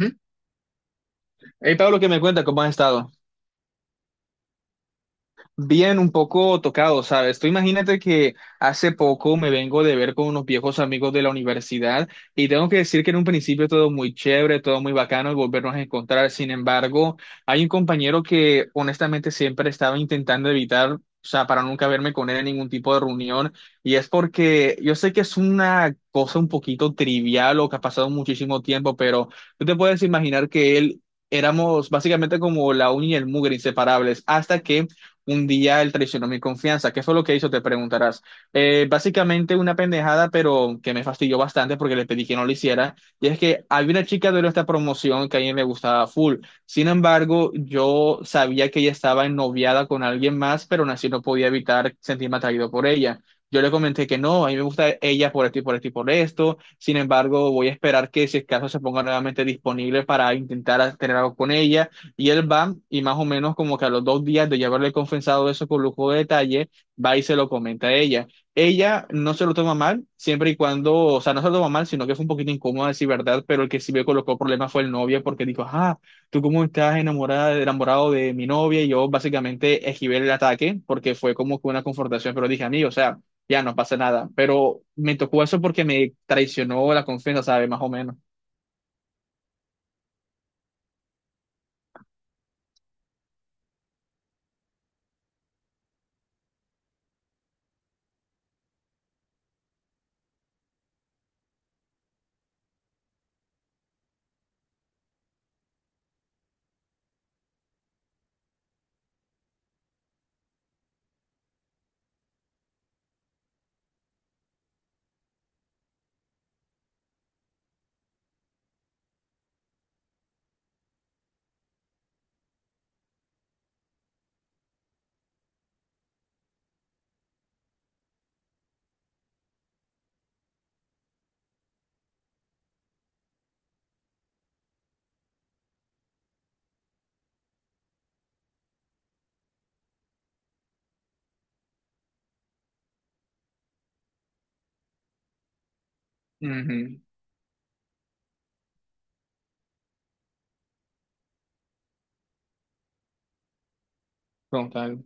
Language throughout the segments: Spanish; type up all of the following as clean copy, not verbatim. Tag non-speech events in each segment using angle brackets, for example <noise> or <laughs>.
Hey Pablo, qué me cuenta, ¿cómo has estado? Bien, un poco tocado, ¿sabes? Tú imagínate que hace poco me vengo de ver con unos viejos amigos de la universidad y tengo que decir que en un principio todo muy chévere, todo muy bacano y volvernos a encontrar. Sin embargo, hay un compañero que honestamente siempre estaba intentando evitar, o sea, para nunca verme con él en ningún tipo de reunión, y es porque yo sé que es una cosa un poquito trivial o que ha pasado muchísimo tiempo, pero tú te puedes imaginar que él... Éramos básicamente como la uña y el mugre, inseparables, hasta que un día él traicionó mi confianza. ¿Qué fue lo que hizo? Te preguntarás. Básicamente una pendejada, pero que me fastidió bastante porque le pedí que no lo hiciera. Y es que había una chica de nuestra promoción que a mí me gustaba full. Sin embargo, yo sabía que ella estaba ennoviada con alguien más, pero aún así no podía evitar sentirme atraído por ella. Yo le comenté que no, a mí me gusta ella por esto y por esto y por esto. Sin embargo, voy a esperar que si es caso se ponga nuevamente disponible para intentar tener algo con ella, y él va y más o menos como que a los dos días de ya haberle confesado eso con lujo de detalle, va y se lo comenta a ella. Ella no se lo toma mal, siempre y cuando, o sea, no se lo toma mal, sino que fue un poquito incómoda, decir verdad, pero el que sí me colocó problemas fue el novio porque dijo, ah, tú cómo estás enamorada, enamorado de mi novia, y yo básicamente esquivé el ataque porque fue como que una confrontación, pero dije, a mí, o sea, ya no pasa nada, pero me tocó eso porque me traicionó la confianza, ¿sabes? Más o menos. Ujú. Total.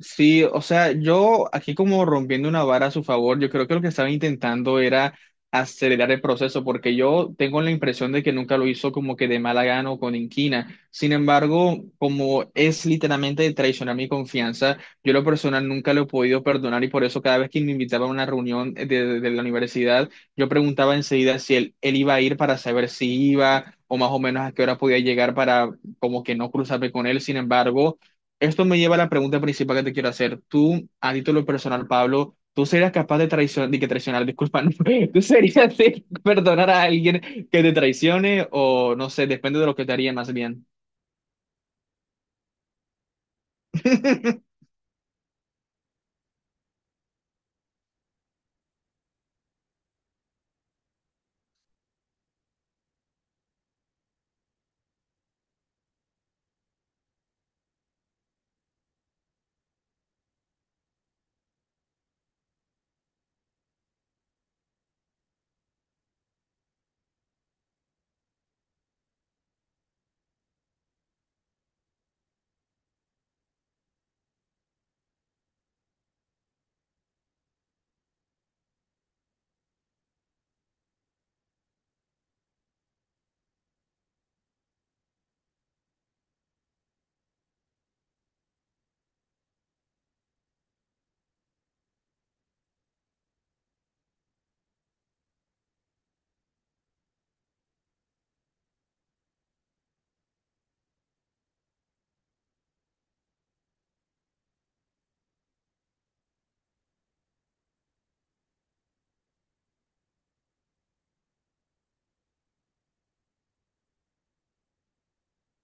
Sí, o sea, yo aquí como rompiendo una vara a su favor, yo creo que lo que estaba intentando era acelerar el proceso, porque yo tengo la impresión de que nunca lo hizo como que de mala gana o con inquina. Sin embargo, como es literalmente traicionar mi confianza, yo a lo personal nunca lo he podido perdonar, y por eso cada vez que me invitaba a una reunión de la universidad, yo preguntaba enseguida si él iba a ir para saber si iba o más o menos a qué hora podía llegar para como que no cruzarme con él. Sin embargo... Esto me lleva a la pregunta principal que te quiero hacer. Tú, a título personal, Pablo, ¿tú serías capaz de traicionar, de que traicionar, disculpa, no, <laughs> ¿tú serías de perdonar a alguien que te traicione, o no sé, depende de lo que te haría más bien? <laughs>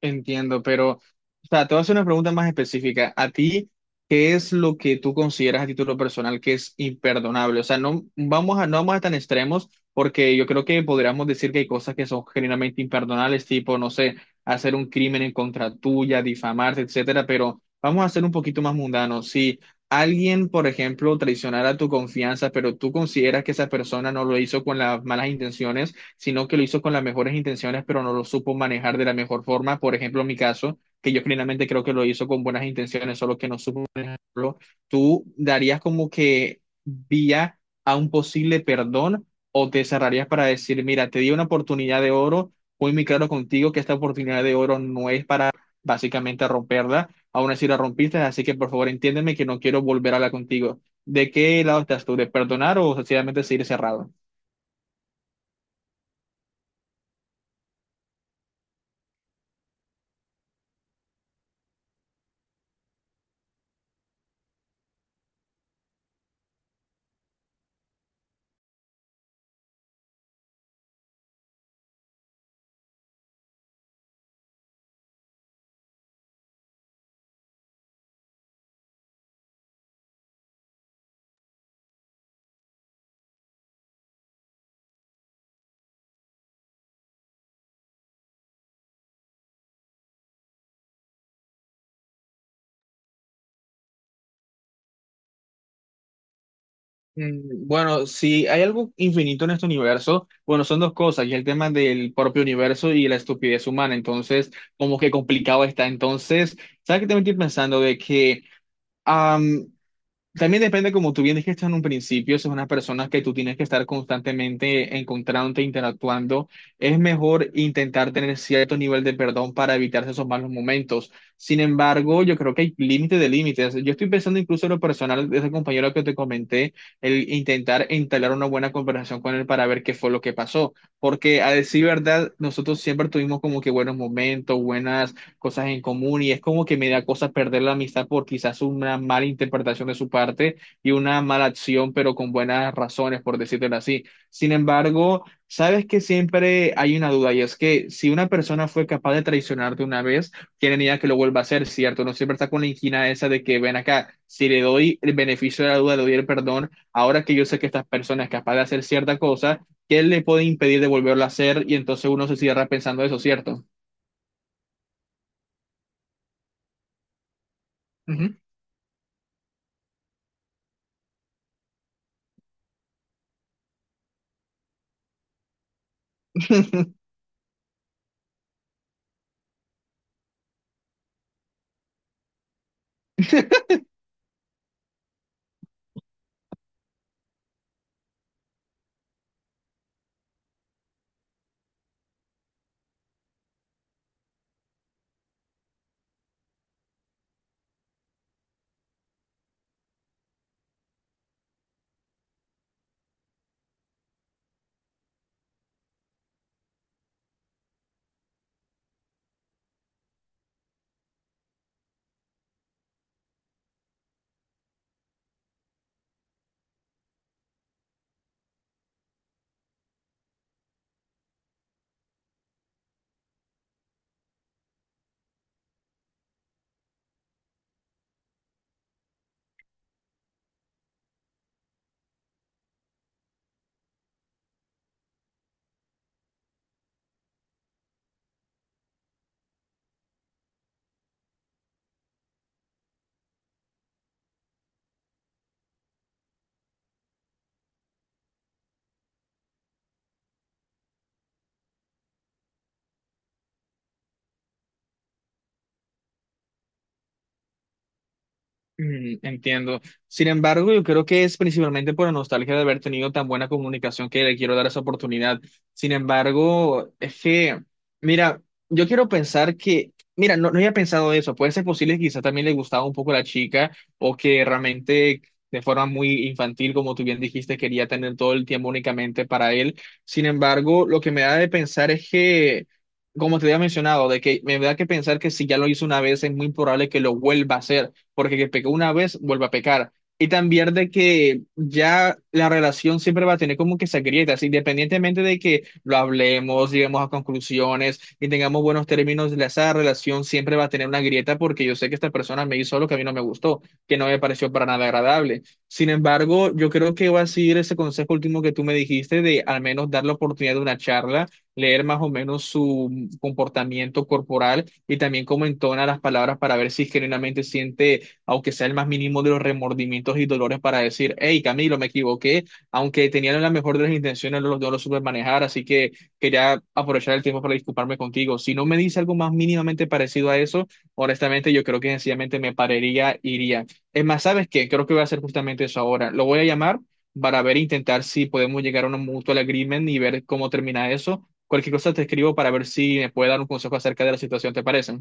Entiendo, pero o sea, te voy a hacer una pregunta más específica. ¿A ti qué es lo que tú consideras a título personal que es imperdonable? O sea, no vamos a tan extremos porque yo creo que podríamos decir que hay cosas que son genuinamente imperdonables, tipo, no sé, hacer un crimen en contra tuya, difamarte, etcétera, pero vamos a ser un poquito más mundanos. Si alguien, por ejemplo, traicionara tu confianza, pero tú consideras que esa persona no lo hizo con las malas intenciones, sino que lo hizo con las mejores intenciones, pero no lo supo manejar de la mejor forma. Por ejemplo, en mi caso, que yo plenamente creo que lo hizo con buenas intenciones, solo que no supo manejarlo. ¿Tú darías como que vía a un posible perdón, o te cerrarías para decir, mira, te di una oportunidad de oro, fui muy claro contigo que esta oportunidad de oro no es para básicamente romperla, aún así la rompiste, así que por favor entiéndeme que no quiero volver a hablar contigo? ¿De qué lado estás tú? ¿De perdonar o sencillamente seguir cerrado? Mm, bueno, si hay algo infinito en este universo, bueno, son dos cosas, y el tema del propio universo y la estupidez humana, entonces, como que complicado está. Entonces, ¿sabes qué? También estoy pensando de que, también depende, como tú bien dijiste en un principio, si es una persona que tú tienes que estar constantemente encontrándote, interactuando, es mejor intentar tener cierto nivel de perdón para evitarse esos malos momentos. Sin embargo, yo creo que hay límites de límites. Yo estoy pensando incluso en lo personal de ese compañero que te comenté, el intentar entablar una buena conversación con él para ver qué fue lo que pasó. Porque a decir verdad, nosotros siempre tuvimos como que buenos momentos, buenas cosas en común, y es como que me da cosa perder la amistad por quizás una mala interpretación de su parte y una mala acción, pero con buenas razones, por decirlo así. Sin embargo, sabes que siempre hay una duda, y es que si una persona fue capaz de traicionarte una vez, tiene idea que lo vuelva a hacer, ¿cierto? No siempre está con la inquina esa de que ven acá, si le doy el beneficio de la duda, le doy el perdón, ahora que yo sé que esta persona es capaz de hacer cierta cosa, ¿qué le puede impedir de volverlo a hacer? Y entonces uno se cierra pensando eso, ¿cierto? Ujú. <laughs> Mm, entiendo. Sin embargo, yo creo que es principalmente por la nostalgia de haber tenido tan buena comunicación que le quiero dar esa oportunidad. Sin embargo, es que, mira, yo quiero pensar que, mira, no, no había pensado eso. Puede ser posible que quizá también le gustaba un poco la chica, o que realmente de forma muy infantil, como tú bien dijiste, quería tener todo el tiempo únicamente para él. Sin embargo, lo que me da de pensar es que... Como te había mencionado, de que me da que pensar que si ya lo hizo una vez es muy probable que lo vuelva a hacer, porque que pecó una vez vuelve a pecar. Y también de que ya la relación siempre va a tener como que esas grietas, independientemente de que lo hablemos, lleguemos a conclusiones y tengamos buenos términos, esa relación siempre va a tener una grieta porque yo sé que esta persona me hizo lo que a mí no me gustó, que no me pareció para nada agradable. Sin embargo, yo creo que va a seguir ese consejo último que tú me dijiste de al menos dar la oportunidad de una charla, leer más o menos su comportamiento corporal y también cómo entona las palabras para ver si genuinamente siente aunque sea el más mínimo de los remordimientos y dolores para decir, hey, Camilo, me equivoqué, aunque tenían la mejor de las intenciones, no lo supe manejar, así que quería aprovechar el tiempo para disculparme contigo. Si no me dice algo más mínimamente parecido a eso, honestamente, yo creo que sencillamente me pararía, iría. Es más, ¿sabes qué? Creo que voy a hacer justamente eso ahora. Lo voy a llamar para ver, intentar si podemos llegar a un mutual agreement y ver cómo termina eso. Cualquier cosa te escribo para ver si me puede dar un consejo acerca de la situación, ¿te parece?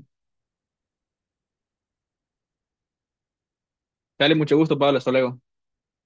Dale, mucho gusto, Pablo. Hasta luego.